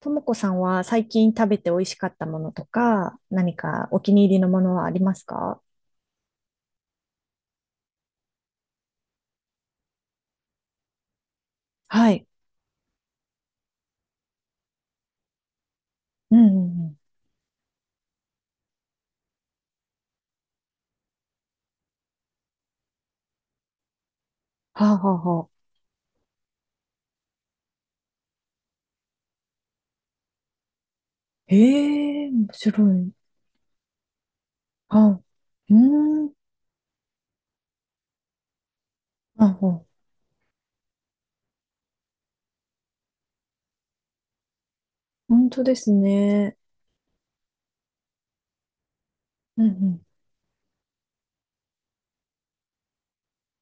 ともこさんは最近食べて美味しかったものとか、何かお気に入りのものはありますか？はい。うんうんうん。はあ、はあはあ。ええ面白い。はあ。うーん。はあはあ。本当ですね。うん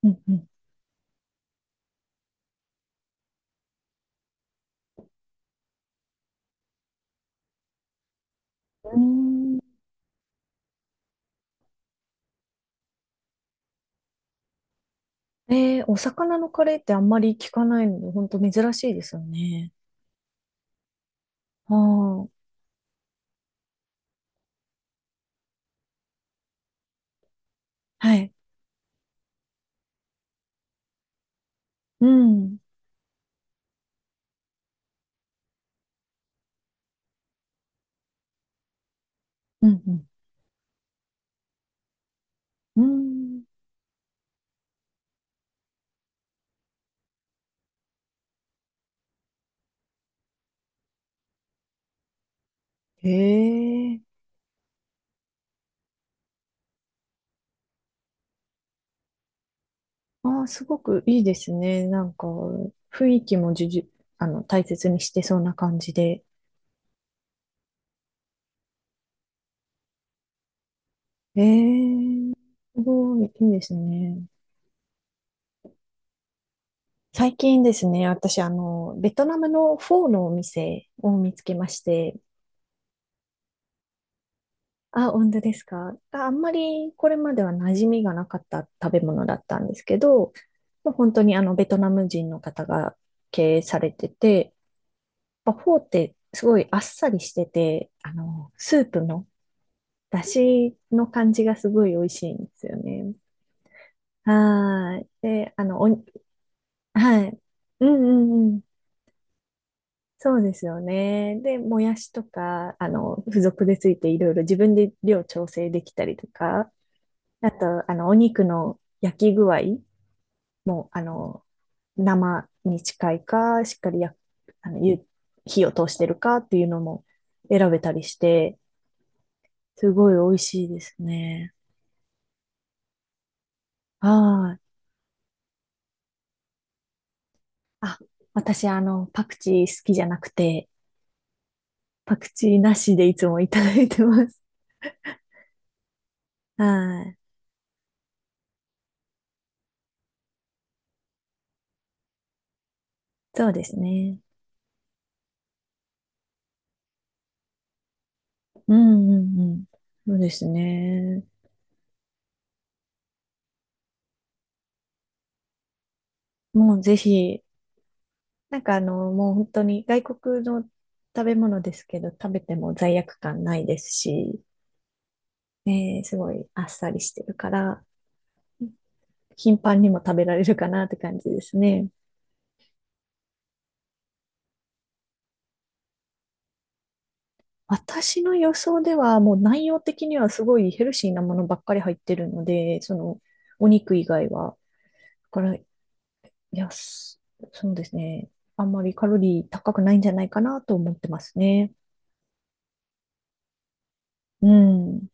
うん。うんうん。うーん。えー、お魚のカレーってあんまり聞かないので、本当珍しいですよね。ああ、はい。うん。うんうん。うん。へえ。ああ、すごくいいですね。なんか、雰囲気もじゅじゅ、大切にしてそうな感じで。ええ、すごい、いいですね。最近ですね、私、ベトナムのフォーのお店を見つけまして、あ、本当ですか。あ、あんまりこれまでは馴染みがなかった食べ物だったんですけど、もう本当にあの、ベトナム人の方が経営されてて、やっぱフォーってすごいあっさりしてて、あの、スープもだしの感じがすごい美味しいんですよね。はーい。で、あの、おに、はい。うんうんうん。そうですよね。で、もやしとか、付属でついていろいろ自分で量調整できたりとか、あと、お肉の焼き具合も、あの、生に近いか、しっかりや、あの、ゆ火を通してるかっていうのも選べたりして、すごい美味しいですね。はーい。あ、私、パクチー好きじゃなくて、パクチーなしでいつもいただいてます。はい。そうですね。うんうんうん。そうですね。もうぜひ、なんかあの、もう本当に外国の食べ物ですけど、食べても罪悪感ないですし、ねすごいあっさりしてるから、頻繁にも食べられるかなって感じですね。私の予想では、もう内容的にはすごいヘルシーなものばっかり入ってるので、そのお肉以外は。だから、いや、すそうですね。あんまりカロリー高くないんじゃないかなと思ってますね。うん。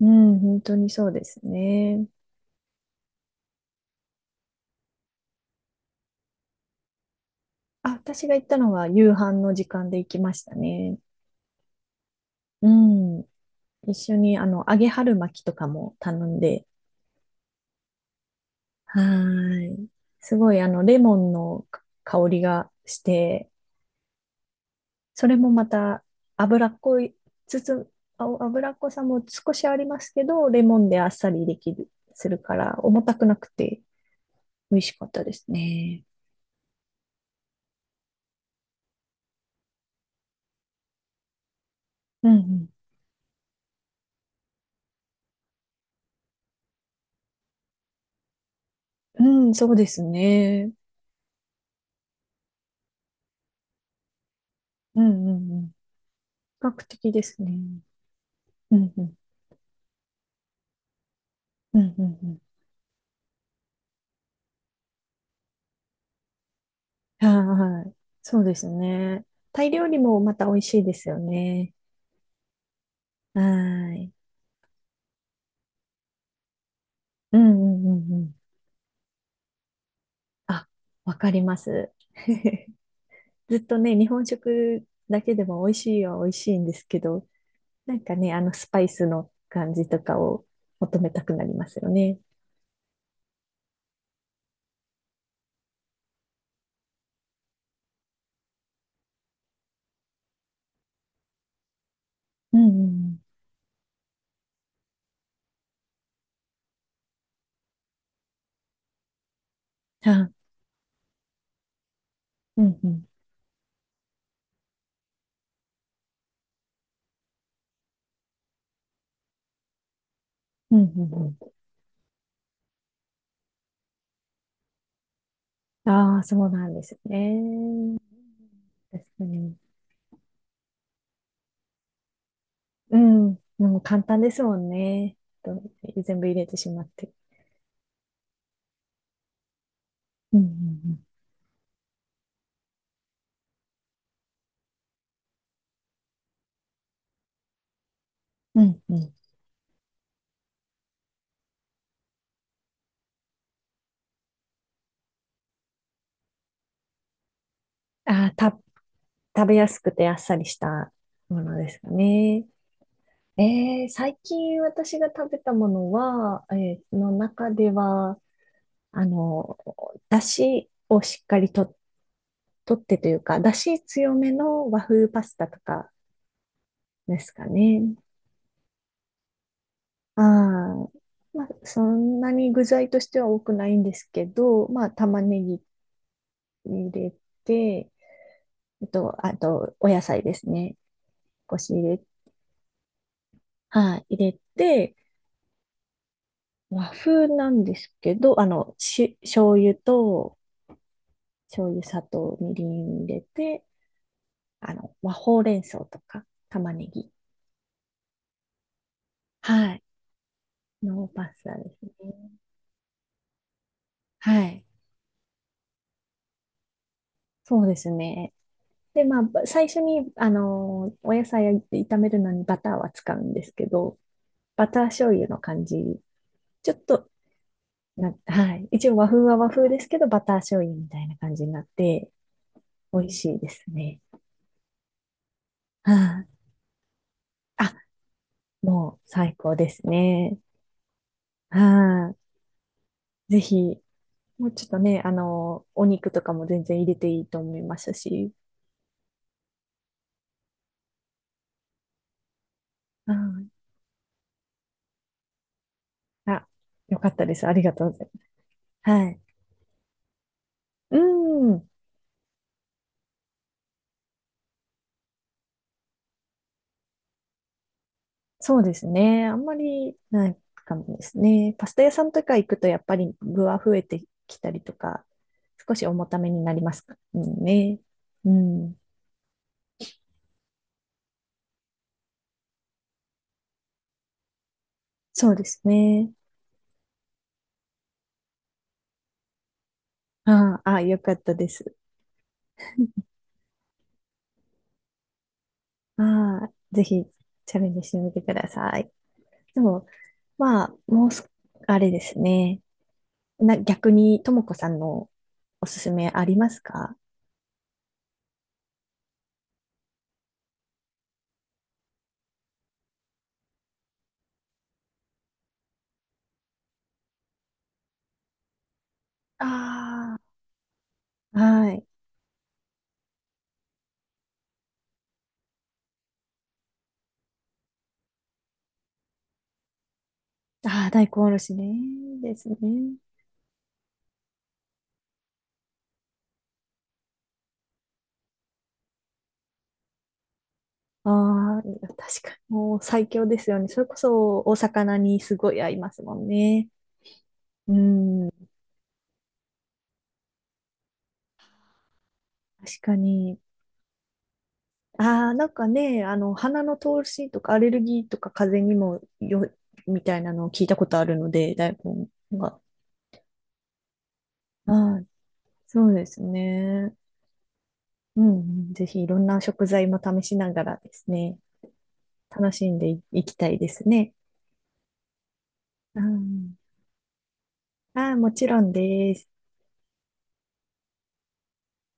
うん、本当にそうですね。あ、私が行ったのは夕飯の時間で行きましたね。うん。一緒にあの揚げ春巻きとかも頼んで、はーい。すごいあのレモンの香りがして、それもまた脂っこい、つつ、あ脂っこさも少しありますけど、レモンであっさりできる、するから、重たくなくて美味しかったですね。うんうん。うん、そうですね。うんうんうん。比較的ですね。うんうん。うんうんうん。はいはい。そうですね。タイ料理もまた美味しいですよね。はい。うんうんうんうん。あ、わかります。ずっとね、日本食だけでも美味しいは美味しいんですけど、なんかね、あのスパイスの感じとかを求めたくなりますよね。うんうん。あ、うんうん。うんうんうん。ああ、そうなんですね。確かに。うん。でも簡単ですもんね。と全部入れてしまって。うんうんうん。うんうん。ああ、た、食べやすくてあっさりしたものですかね。えー、最近私が食べたものは、えーの中では、あの、だしをしっかりと、とってというか、だし強めの和風パスタとかですかね。ああまあ、そんなに具材としては多くないんですけど、まあ、玉ねぎ入れて、あと、あと、お野菜ですね。少し入れ、はい、入れて、和風なんですけど、あの、し、醤油と、醤油、砂糖、みりん入れて、まあ、ほうれん草とか玉ねぎはい。のパスタですね。はい。そうですね。で、まあ、ば最初に、お野菜を炒めるのにバターは使うんですけど、バター醤油の感じ、ちょっと、な、はい。一応和風は和風ですけど、バター醤油みたいな感じになって、美味しいですね。はい。あ、もう最高ですね。はい。ぜひ、もうちょっとね、お肉とかも全然入れていいと思いましたし。はいあ、よかったです。ありがとうございます。はい。うん、そうですね。あんまりないかもですね。パスタ屋さんとか行くと、やっぱり具は増えてきたりとか、少し重ためになりますからね。うん、そうですね。ああ、あよかったです。ああ、ぜひチャレンジしてみてください。でも、まあ、もうす、あれですね。な、逆に、ともこさんのおすすめありますか？あはい。ああ、大根おろしね。ですね。ああ、確かにもう最強ですよね。それこそお魚にすごい合いますもんね。うん、確かに。ああ、なんかね、鼻の通しとかアレルギーとか風邪にもよ、みたいなのを聞いたことあるので、大根が。はい、そうですね。うん、うんぜひいろんな食材も試しながらですね。楽しんでいきたいですね。うん。ああ、もちろんです。